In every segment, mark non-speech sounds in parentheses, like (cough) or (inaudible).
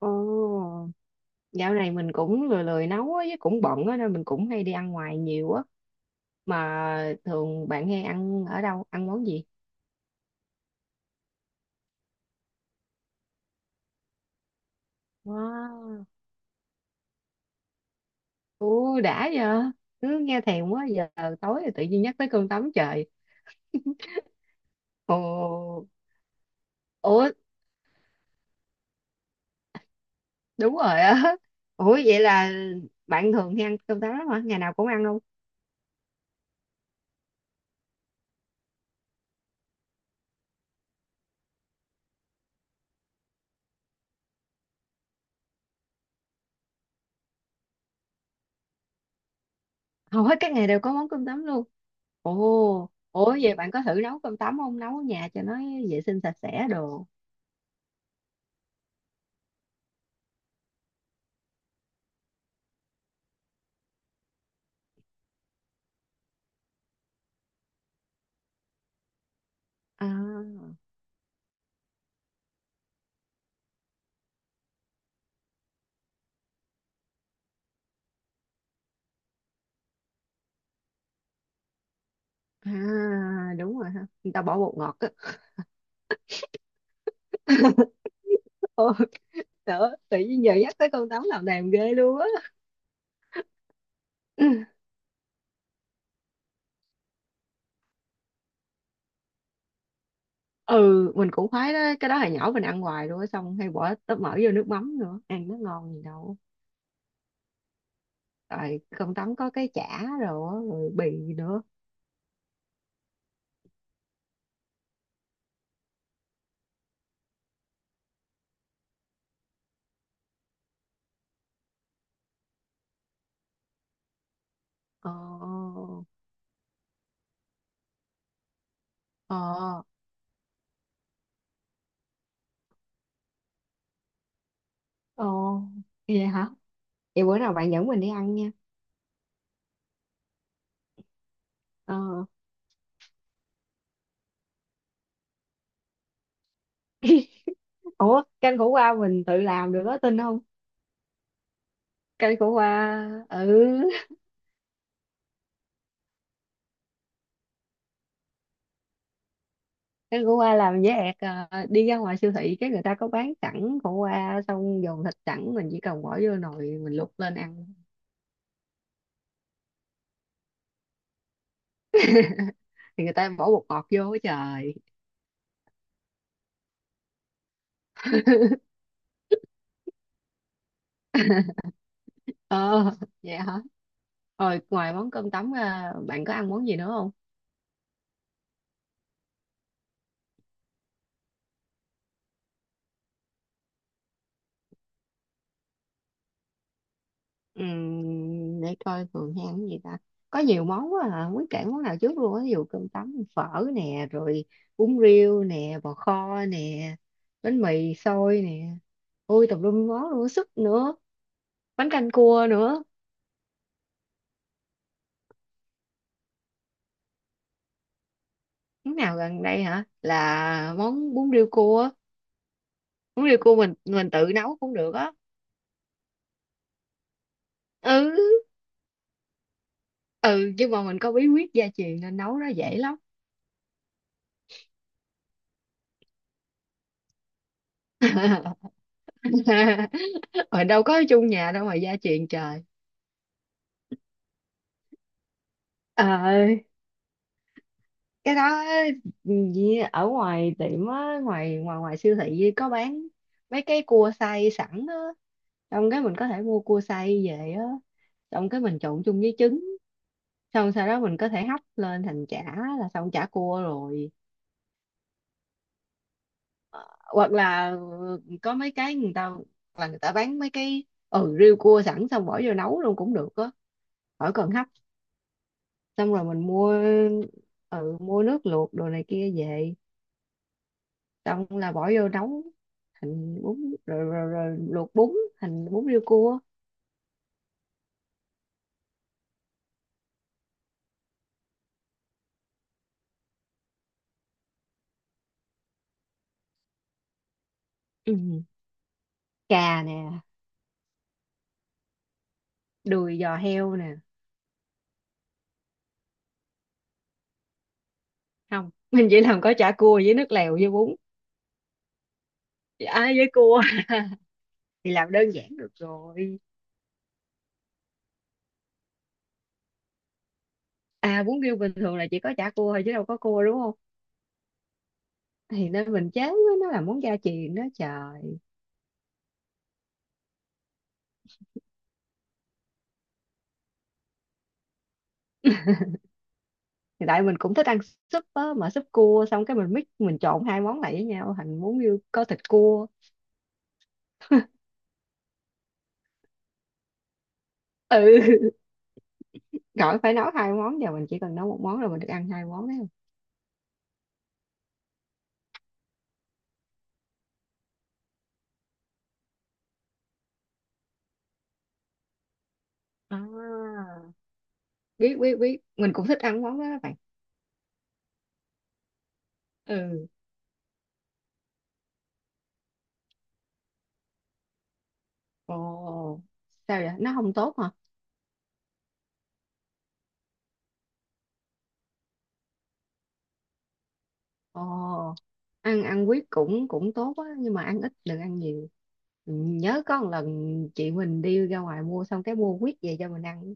Ồ, dạo này mình cũng lười lười nấu á, với cũng bận á nên mình cũng hay đi ăn ngoài nhiều á. Mà thường bạn hay ăn ở đâu, ăn món gì? Wow. Ồ, đã giờ, cứ nghe thèm quá giờ tối rồi tự nhiên nhắc tới cơm tấm trời. Ồ, ủa, đúng rồi á. Ủa vậy là bạn thường hay ăn cơm tấm lắm hả? Ngày nào cũng ăn luôn. Hầu hết các ngày đều có món cơm tấm luôn. Ồ, ủa vậy bạn có thử nấu cơm tấm không? Nấu ở nhà cho nó vệ sinh sạch sẽ đồ. À. À, đúng rồi ha. Người ta bỏ bột ngọt á. (laughs) Ôi, đỡ, tự nhiên giờ nhắc tới con tấm làm đàm ghê luôn á. Ừ, mình cũng khoái đó. Cái đó hồi nhỏ mình ăn hoài luôn á. Xong hay bỏ tóp mỡ vô nước mắm nữa. Ăn nó ngon gì đâu. Rồi con tấm có cái chả rồi, á, rồi bì nữa. Ờ, ờ, ờ. Vậy hả? Vậy bữa nào bạn dẫn mình đi ăn nha. Ờ. Ủa, canh khổ qua mình tự làm được á, tin không? Cây khổ qua. Ừ, cái của qua làm với ẹt à, đi ra ngoài siêu thị cái người ta có bán sẵn khổ qua xong dồn thịt sẵn mình chỉ cần bỏ vô nồi mình luộc lên ăn. Thì người ta bỏ bột ngọt vô á trời. (laughs) Ờ, vậy hả? Rồi ngoài món cơm tấm ra, bạn có ăn món gì nữa không? Để coi thường hay ăn cái gì ta. Có nhiều món quá à. Không biết kể món nào trước luôn á, ví dụ cơm tấm, phở nè, rồi bún riêu nè, bò kho nè, bánh mì xôi nè, ôi tùm lum món luôn sức nữa, bánh canh cua nữa. Món nào gần đây hả, là món bún riêu cua á. Bún riêu cua mình tự nấu cũng được á. Ừ ừ nhưng mà mình có bí quyết gia truyền nên nấu nó dễ lắm. (laughs) Mà đâu có ở chung nhà đâu mà gia truyền trời. Ờ, cái đó á, gì ở ngoài tiệm á, ngoài ngoài ngoài siêu thị có bán mấy cái cua xay sẵn á, xong cái mình có thể mua cua xay về á, xong cái mình trộn chung với trứng, xong sau đó mình có thể hấp lên thành chả, là xong chả cua rồi. Hoặc là, ừ, có mấy cái người ta, là người ta bán mấy cái, ừ, riêu cua sẵn xong bỏ vô nấu luôn cũng được á, khỏi cần hấp. Xong rồi mình mua, ừ, mua nước luộc đồ này kia về, xong là bỏ vô nấu thành bún, rồi luộc bún thành bún riêu cua. Ừ. Cà nè, đùi giò heo nè. Không, (laughs) mình chỉ làm có chả cua với nước lèo với bún, à, với cua, thì làm đơn giản được rồi. À, bún riêu bình thường là chỉ có chả cua thôi chứ đâu có cua đúng không? Thì nên mình chán với nó là món gia truyền đó trời. Thì tại mình cũng thích ăn súp á, mà súp cua, xong cái mình mix, mình trộn hai món lại với nhau thành món như có thịt cua. Ừ, (laughs) gọi phải nấu hai món, giờ mình chỉ cần nấu một món là mình được ăn hai món, đấy không. À. Biết, biết, biết, mình cũng thích ăn món đó các bạn. Ừ. Ồ, sao vậy, nó không tốt hả? Ồ, ăn ăn quýt cũng cũng tốt á nhưng mà ăn ít đừng ăn nhiều. Ừ, nhớ có một lần chị mình đi ra ngoài mua, xong cái mua quýt về cho mình ăn,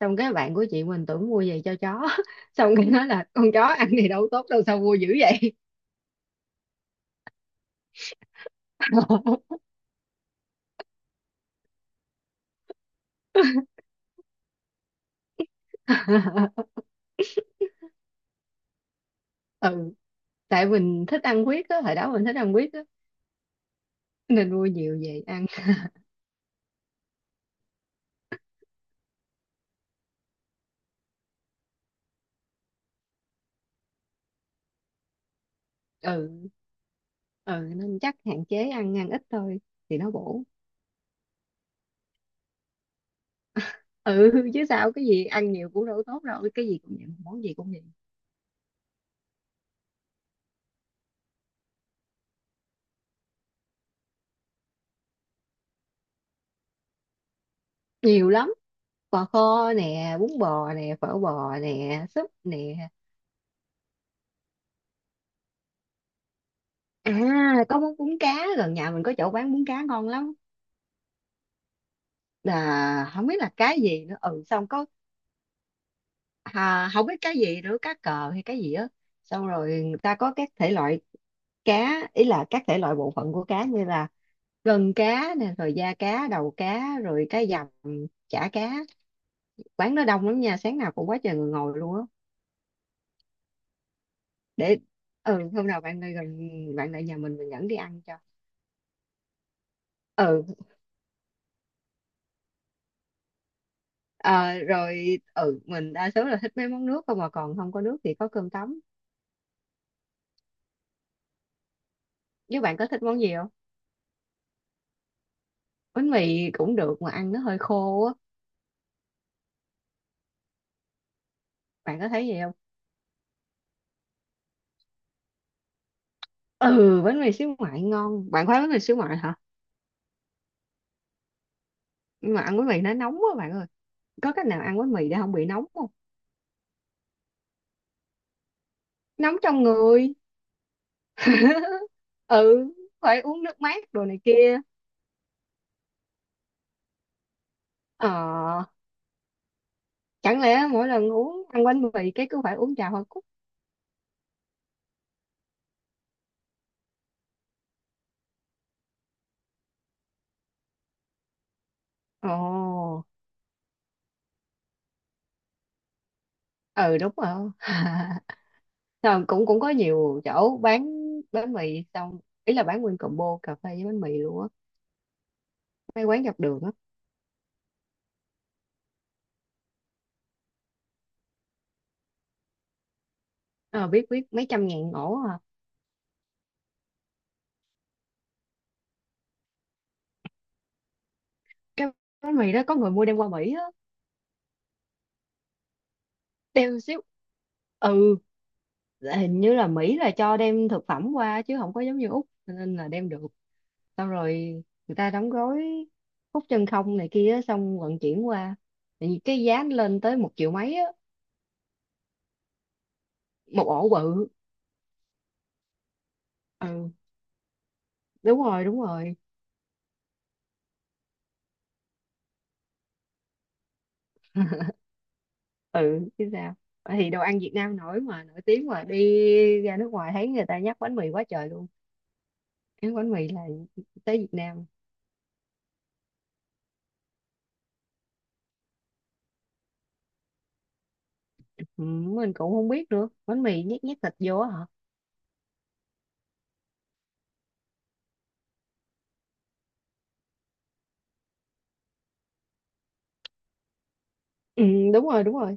xong cái bạn của chị mình tưởng mua về cho chó. (laughs) Xong cái nói là con chó ăn thì đâu tốt đâu, sao mua dữ vậy? (laughs) Ừ, tại mình thích ăn huyết á, hồi đó mình thích ăn huyết á nên mua nhiều về ăn. Ừ. Ừ, nên chắc hạn chế ăn ăn ít thôi thì nó bổ. Ừ chứ sao, cái gì ăn nhiều cũng đâu tốt đâu, cái gì cũng vậy, món gì cũng vậy. Nhiều lắm, bò kho nè, bún bò nè, phở bò nè, súp nè. À, có món bún cá, gần nhà mình có chỗ bán bún cá ngon lắm, là không biết là cái gì nữa, ừ, xong có, à, không biết cái gì nữa, cá cờ hay cái gì á. Xong rồi người ta có các thể loại cá, ý là các thể loại bộ phận của cá, như là gân cá nè, rồi da cá, đầu cá, rồi cái dầm, chả cá. Quán nó đông lắm nha, sáng nào cũng quá trời người ngồi luôn á. Để, ừ, hôm nào bạn lại gần, bạn lại nhà mình dẫn đi ăn cho. Ừ. À, rồi, ừ, mình đa số là thích mấy món nước không, mà còn không có nước thì có cơm tấm. Nếu bạn có thích món gì không? Bánh mì cũng được mà ăn nó hơi khô á, bạn có thấy vậy không? Ừ, bánh mì xíu ngoại ngon, bạn khoái bánh mì xíu ngoại hả? Nhưng mà ăn bánh mì nó nóng quá bạn ơi. Có cách nào ăn bánh mì để không bị nóng không? Nóng trong người. Ừ, phải uống nước mát đồ này kia. Ờ, chẳng lẽ mỗi lần uống, ăn bánh mì cái cứ phải uống trà hoa cúc. Ồ. Ừ, đúng rồi. Ờ, cũng cũng có nhiều chỗ bán bánh mì, xong ý là bán nguyên combo cà phê với bánh mì luôn á, mấy quán dọc đường á. Ờ, biết, biết, mấy trăm ngàn ổ à. Cái bánh mì đó có người mua đem qua Mỹ á. Đem xíu. Ừ, là hình như là Mỹ là cho đem thực phẩm qua chứ không có giống như Úc, cho nên là đem được. Xong rồi người ta đóng gói, hút chân không này kia á, xong vận chuyển qua. Thì cái giá nó lên tới 1 triệu mấy á. Một ổ bự. Ừ, đúng rồi, đúng rồi. Ừ chứ sao, thì đồ ăn Việt Nam nổi mà, nổi tiếng mà, đi ra nước ngoài thấy người ta nhắc bánh mì quá trời luôn. Cái bánh mì là tới Việt Nam. Ừ, mình cũng không biết nữa, bánh mì nhét nhét thịt vô á hả. Ừ, đúng rồi, đúng rồi.